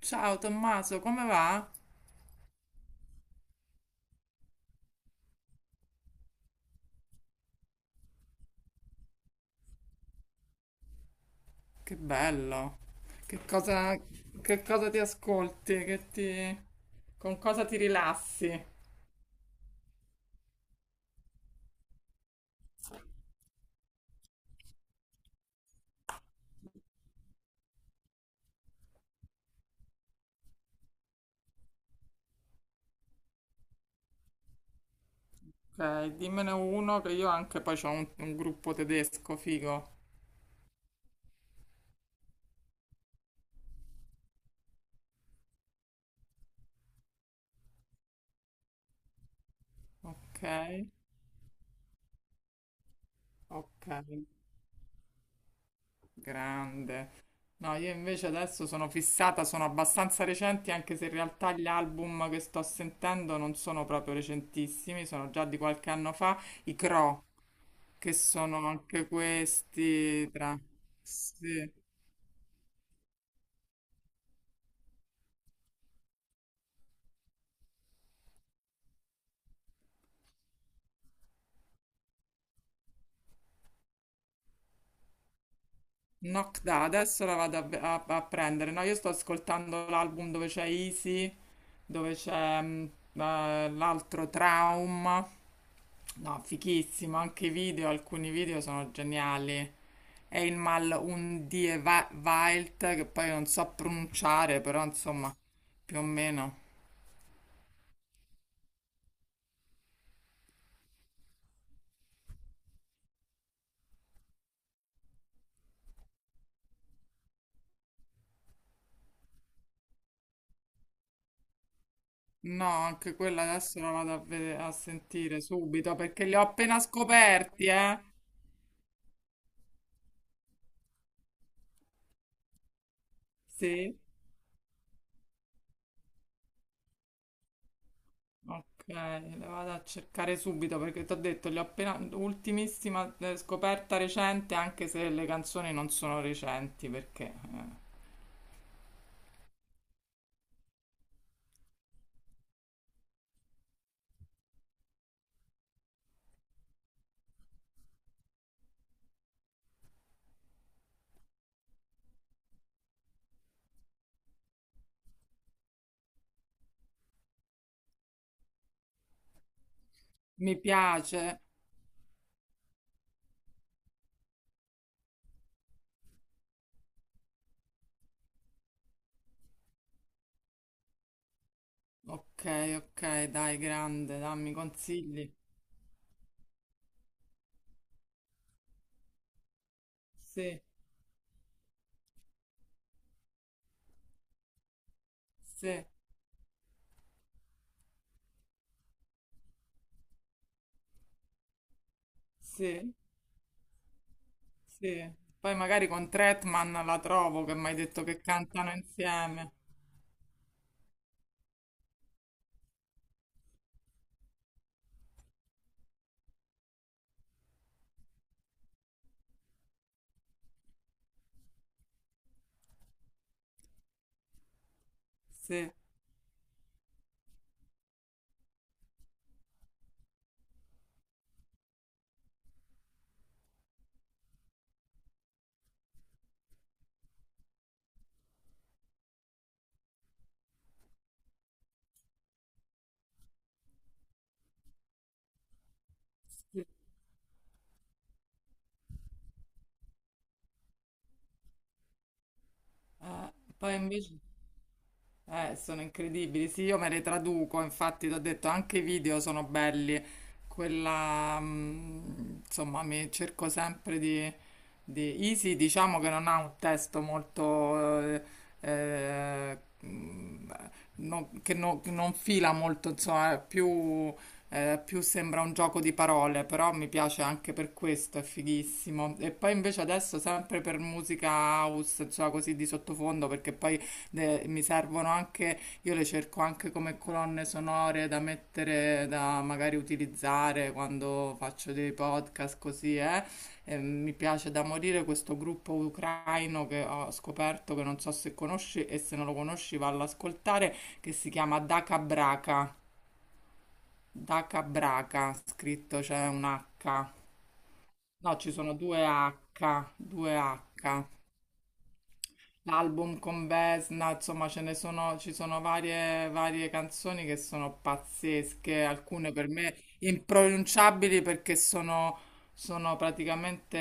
Ciao Tommaso, come va? Che bello. Che cosa, che cosa ti ascolti? Con cosa ti rilassi? Ok, dimmene uno che io anche poi ho un gruppo tedesco figo. Ok, ok, grande. No, io invece adesso sono fissata, sono abbastanza recenti, anche se in realtà gli album che sto sentendo non sono proprio recentissimi, sono già di qualche anno fa, i Cro. Che sono anche questi tra. Sì. Knock Da, adesso la vado a prendere. No, io sto ascoltando l'album dove c'è Easy, dove c'è l'altro Traum. No, fighissimo, anche i video, alcuni video sono geniali. E il mal un die Wild, che poi non so pronunciare, però insomma, più o meno. No, anche quella adesso la vado a sentire subito perché li ho appena scoperti, eh. Sì, ok, le vado a cercare subito perché ti ho detto, li ho appena, ultimissima scoperta recente, anche se le canzoni non sono recenti perché mi piace. Ok, ok, dai, grande, dammi consigli. Sì, sì, sì, sì. Poi magari con Tretman la trovo che mi hai detto che cantano insieme. Sì, sì. Poi invece. Sono incredibili. Sì, io me le traduco, infatti, ti ho detto anche i video sono belli. Quella, insomma, mi cerco sempre di Easy, diciamo che non ha un testo molto, eh, mh, che non fila molto, insomma, è più sembra un gioco di parole, però mi piace anche per questo, è fighissimo. E poi invece adesso sempre per musica house, insomma, così di sottofondo, perché poi mi servono anche, io le cerco anche come colonne sonore da mettere, da magari utilizzare quando faccio dei podcast così, eh. E mi piace da morire questo gruppo ucraino che ho scoperto, che non so se conosci e se non lo conosci vallo ad ascoltare, che si chiama Daka Braka. Daka Braka, scritto c'è un H. No, ci sono due H. L'album con Vesna, insomma, ci sono varie canzoni che sono pazzesche, alcune per me impronunciabili perché sono praticamente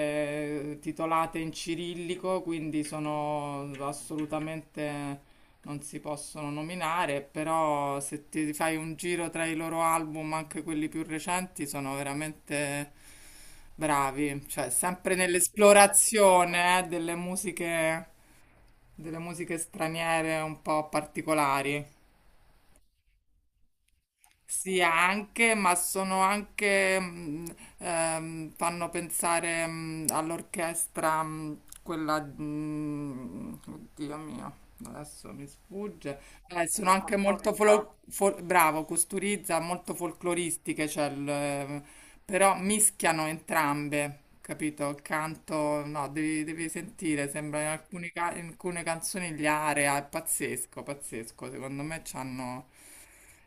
titolate in cirillico, quindi sono assolutamente non si possono nominare, però se ti fai un giro tra i loro album, anche quelli più recenti, sono veramente bravi, cioè sempre nell'esplorazione, delle musiche straniere un po' particolari. Sì, anche, ma sono anche, fanno pensare, all'orchestra, quella, oddio mio, adesso mi sfugge. Sono anche molto, Costurizza, bravo, costurizza, molto folcloristiche, cioè però mischiano entrambe, capito? Il canto, no, devi sentire, sembra in alcune canzoni gli area, è pazzesco, pazzesco, secondo me c'hanno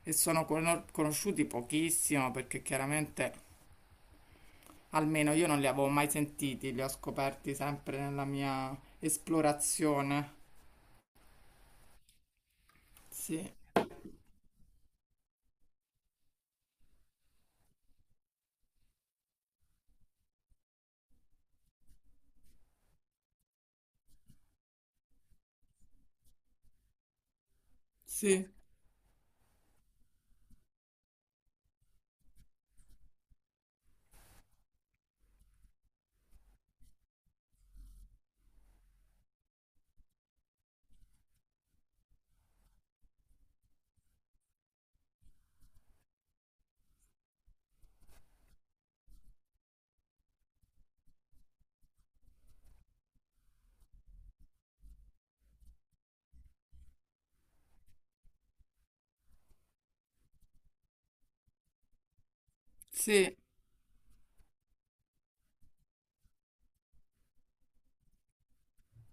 e sono conosciuti pochissimo perché chiaramente almeno io non li avevo mai sentiti, li ho scoperti sempre nella mia esplorazione. Sì, sì, sì.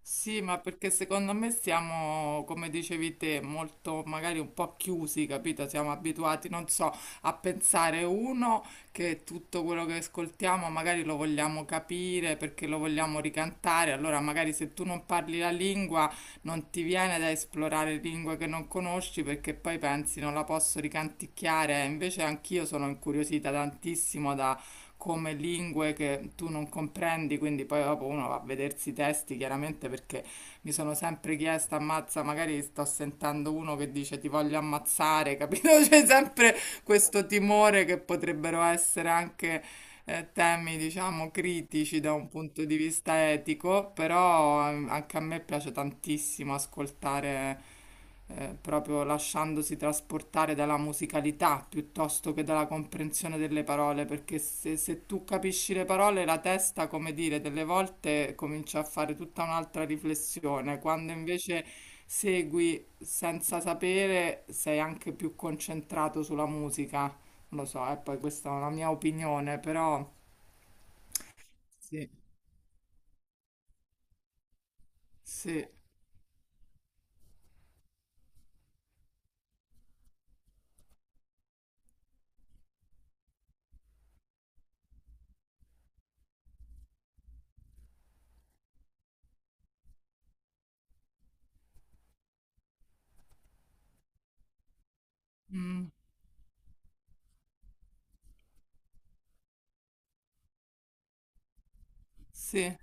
Sì, ma perché secondo me siamo, come dicevi te, molto magari un po' chiusi, capito? Siamo abituati, non so, a pensare uno che tutto quello che ascoltiamo magari lo vogliamo capire perché lo vogliamo ricantare, allora magari se tu non parli la lingua non ti viene da esplorare lingue che non conosci perché poi pensi non la posso ricanticchiare, invece anch'io sono incuriosita tantissimo da come lingue che tu non comprendi, quindi poi dopo uno va a vedersi i testi chiaramente perché mi sono sempre chiesta, ammazza, magari sto sentendo uno che dice ti voglio ammazzare, capito? C'è sempre questo timore che potrebbero essere anche temi, diciamo, critici da un punto di vista etico, però anche a me piace tantissimo ascoltare, proprio lasciandosi trasportare dalla musicalità piuttosto che dalla comprensione delle parole, perché se tu capisci le parole, la testa, come dire, delle volte comincia a fare tutta un'altra riflessione, quando invece segui senza sapere, sei anche più concentrato sulla musica. Lo so, e poi questa è una mia opinione, però sì, sì, mm, sì,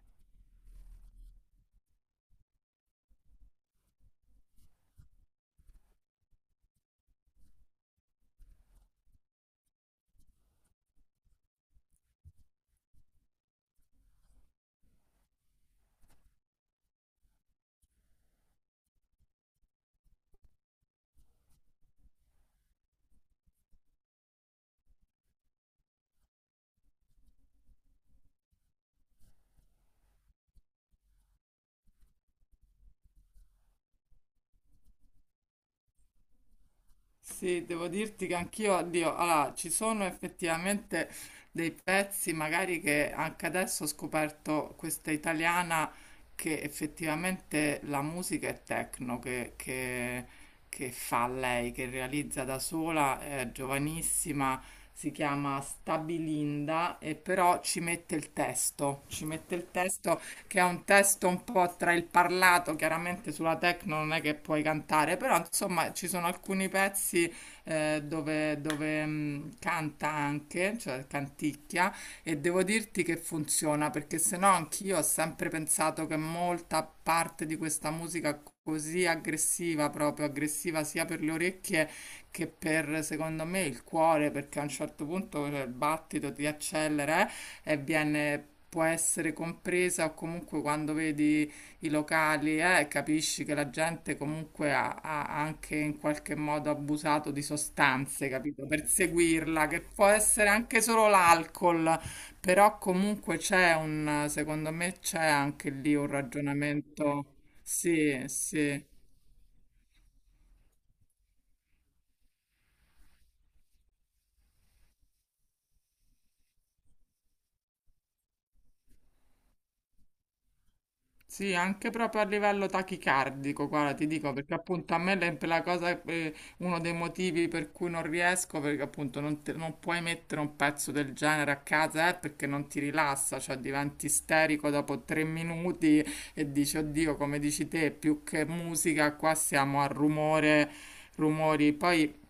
sì, devo dirti che anch'io, oddio, allora, ci sono effettivamente dei pezzi, magari che anche adesso ho scoperto questa italiana che effettivamente la musica è techno, che fa lei, che realizza da sola, è giovanissima, si chiama Stabilinda e però ci mette il testo, ci mette il testo che è un testo un po' tra il parlato, chiaramente sulla techno non è che puoi cantare, però insomma ci sono alcuni pezzi dove, canta anche, cioè canticchia, e devo dirti che funziona, perché se no anch'io ho sempre pensato che molta parte di questa musica così aggressiva, proprio aggressiva sia per le orecchie che per, secondo me, il cuore, perché a un certo punto cioè, il battito ti accelera, ebbene può essere compresa o comunque quando vedi i locali capisci che la gente comunque ha anche in qualche modo abusato di sostanze, capito? Per seguirla, che può essere anche solo l'alcol, però comunque c'è un, secondo me c'è anche lì un ragionamento, sì, sì. Sì, anche proprio a livello tachicardico, guarda, ti dico, perché appunto a me la cosa, uno dei motivi per cui non riesco, perché appunto non puoi mettere un pezzo del genere a casa, perché non ti rilassa, cioè diventi isterico dopo 3 minuti e dici, oddio, come dici te, più che musica, qua siamo a rumore, rumori. Poi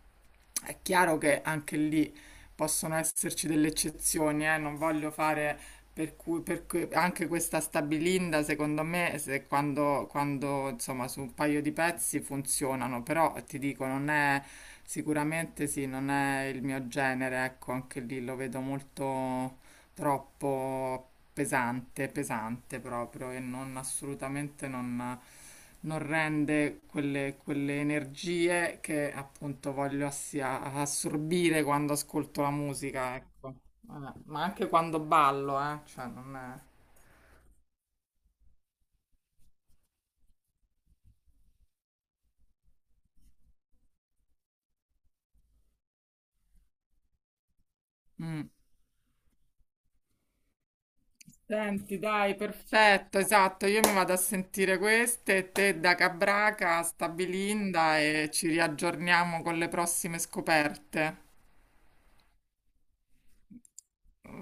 è chiaro che anche lì possono esserci delle eccezioni, Non voglio fare anche questa stabilinda, secondo me, se quando, insomma su un paio di pezzi funzionano, però ti dico, non è sicuramente sì, non è il mio genere, ecco, anche lì lo vedo molto. Troppo pesante, pesante proprio, e non assolutamente non rende quelle, quelle energie che appunto voglio assorbire quando ascolto la musica, ecco. Ma anche quando ballo, cioè non è. Mm. Senti, dai, perfetto, esatto. Io mi vado a sentire queste, te da Cabraca, sta Bilinda e ci riaggiorniamo con le prossime scoperte.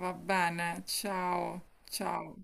Va bene, ciao, ciao.